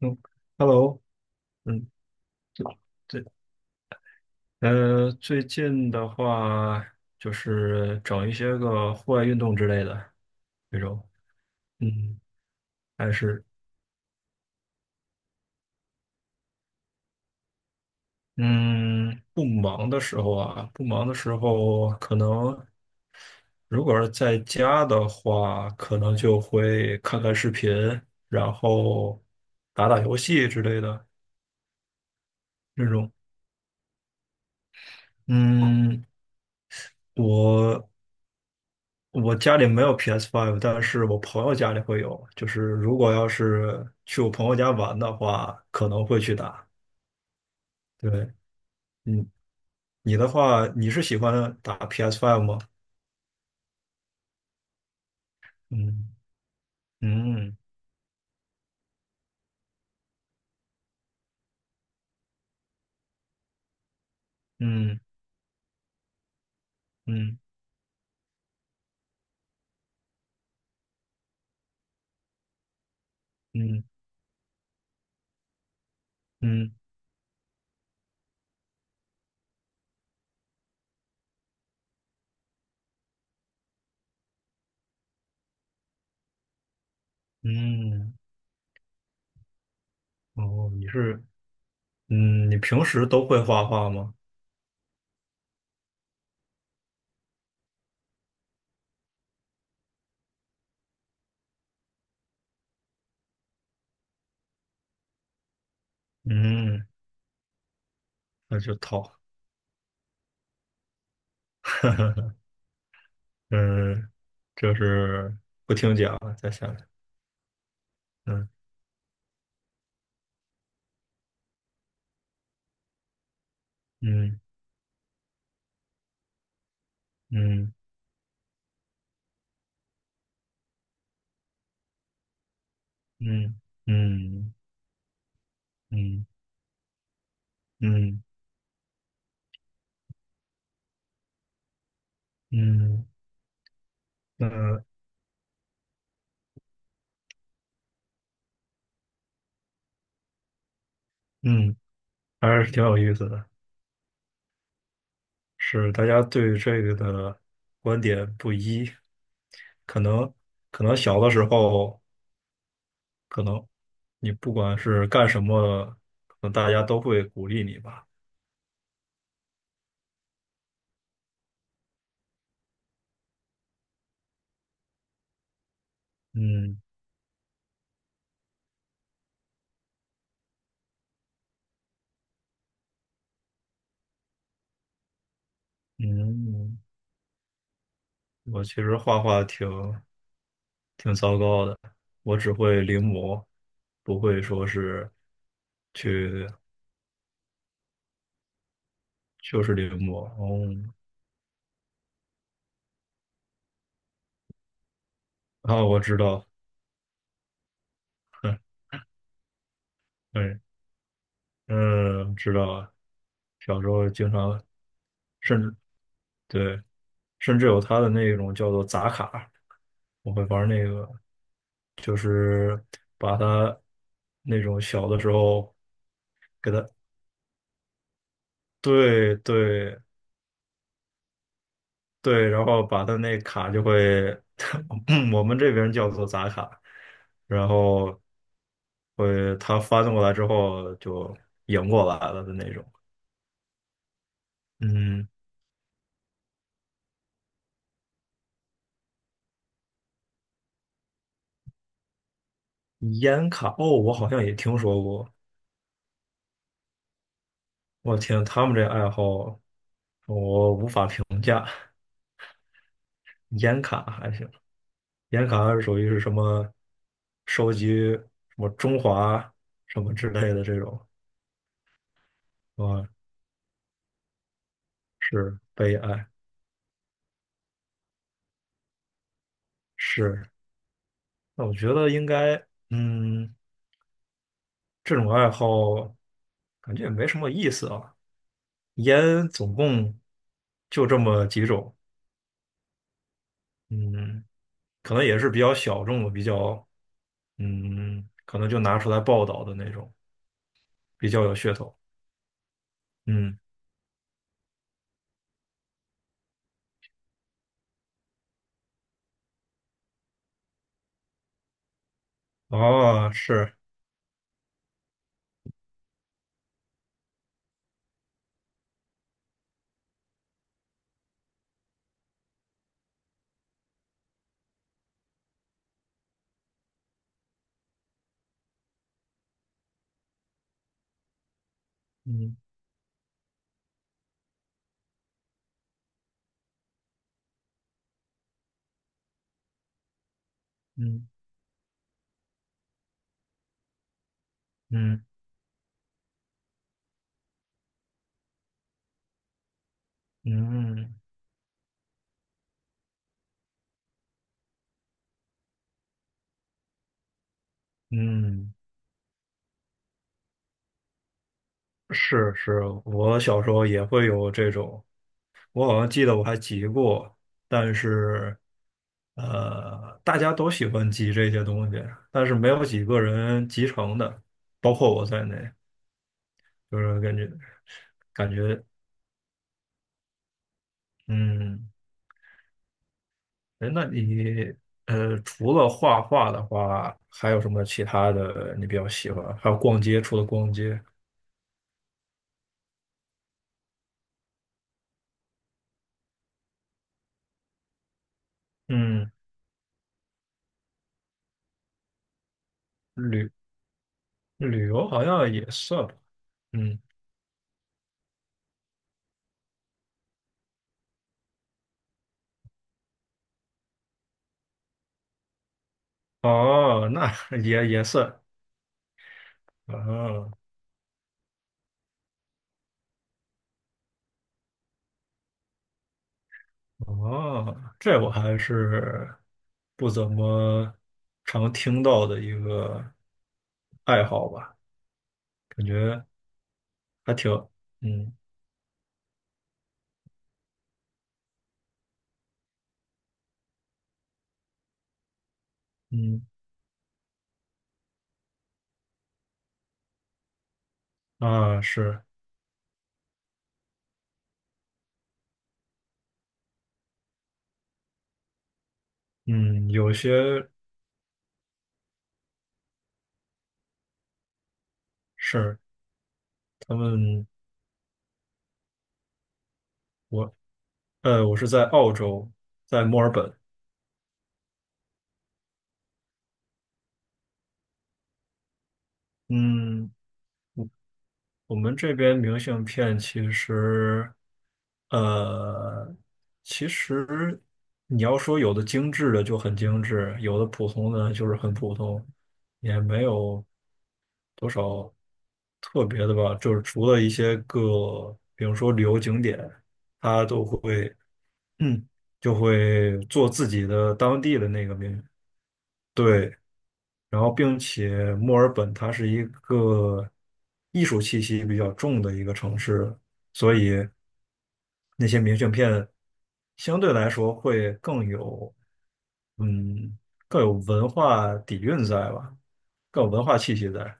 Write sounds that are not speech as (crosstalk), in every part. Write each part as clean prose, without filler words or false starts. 嗯，Hello，嗯，对，最近的话就是整一些个户外运动之类的这种，嗯，但是，嗯，不忙的时候啊，不忙的时候，可能如果是在家的话，可能就会看看视频，然后打打游戏之类的这种。嗯，我我家里没有 PS5，但是我朋友家里会有。就是如果要是去我朋友家玩的话，可能会去打。对，嗯，你的话，你是喜欢打 PS5 吗？嗯嗯嗯嗯嗯嗯嗯。哦，你是，嗯，你平时都会画画吗？嗯，那就套。(laughs) 嗯，就是不听讲，再下来。嗯嗯嗯嗯嗯嗯。嗯嗯，那嗯，还是挺有意思的，是大家对这个的观点不一，可能可能小的时候，可能你不管是干什么，可能大家都会鼓励你吧。嗯嗯，我其实画画挺糟糕的，我只会临摹，不会说是去就是临摹。哦，啊，我知道，(laughs) 嗯嗯。(laughs) 哎嗯，知道啊，小时候经常，甚至对，甚至有他的那种叫做砸卡，我会玩那个，就是把它那种小的时候，对对对，然后把它那卡就会，(clears throat) 我们这边叫做砸卡，然后会它翻过来之后就赢过来了的那种。嗯，烟卡，哦，我好像也听说过。我天，他们这爱好我无法评。烟卡还行，烟卡属于是什么收集什么中华什么之类的这种啊，是悲哀是。那我觉得应该，嗯，这种爱好感觉也没什么意思啊。烟总共就这么几种，嗯，可能也是比较小众的，比较，嗯，可能就拿出来报道的那种，比较有噱头，嗯。哦，是嗯嗯嗯嗯嗯，是是，我小时候也会有这种，我好像记得我还集过，但是大家都喜欢集这些东西，但是没有几个人集成的，包括我在内，就是感觉感觉嗯，哎，那你除了画画的话，还有什么其他的你比较喜欢？还有逛街，除了逛街，嗯。旅旅游好像也算吧，嗯，哦，那 (laughs) 也也算，啊，哦，这我还是不怎么常听到的一个爱好吧，感觉还挺，嗯嗯啊是，嗯，有些是他们我我是在澳洲，在墨尔本，嗯。我们这边明信片其实，呃，其实你要说有的精致的就很精致，有的普通的就是很普通，也没有多少特别的吧。就是除了一些个，比如说旅游景点，它都会，(clears throat) 就会做自己的当地的那个明，对。然后并且墨尔本它是一个艺术气息比较重的一个城市，所以那些明信片相对来说会更有，嗯，更有文化底蕴在吧，更有文化气息在。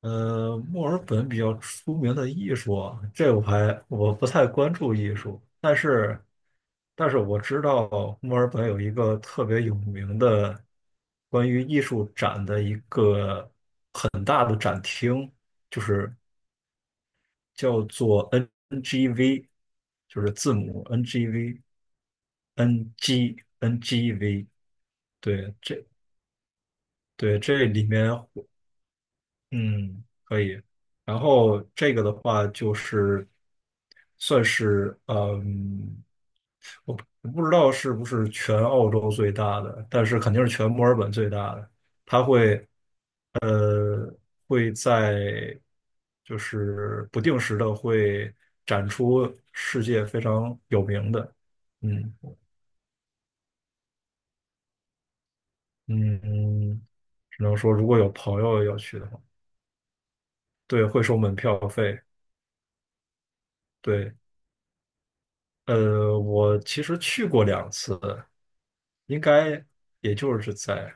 墨尔本比较出名的艺术啊，这我还我不太关注艺术，但是但是我知道墨尔本有一个特别有名的关于艺术展的一个，就是叫做 NGV，就是字母 NGV。N G N G V，对，这对这里面嗯，可以。然后这个的话就是算是嗯，我不知道是不是全澳洲最大的，但是肯定是全墨尔本最大的。它会呃会在就是不定时的会展出世界非常有名的，嗯嗯，只能说如果有朋友要去的话，对，会收门票费。对，我其实去过2次，应该也就是在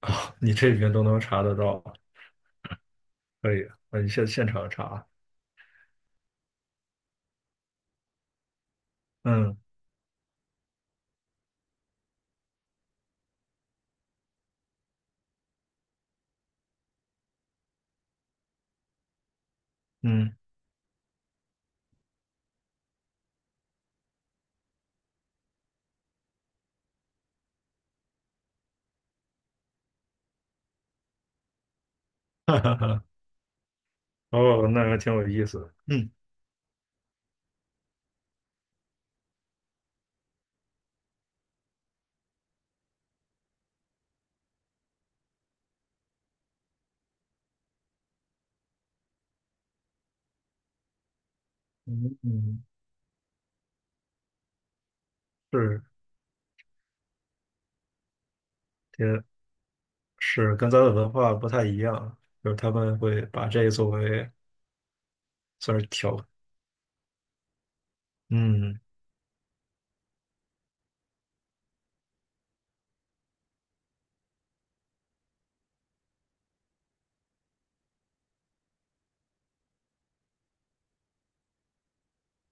啊，你这里面都能查得到，可以，现场查，嗯嗯，(laughs) 哈哈哈，哦，那还挺有意思的，嗯嗯嗯，是，也是跟咱的文化不太一样，就是他们会把这个作为算是调，嗯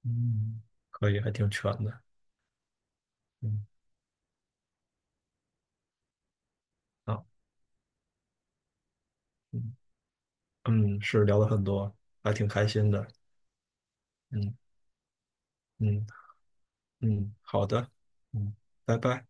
嗯，可以，还挺全的，嗯啊，嗯嗯，是聊了很多，还挺开心的，嗯嗯。嗯，好的，嗯，拜拜。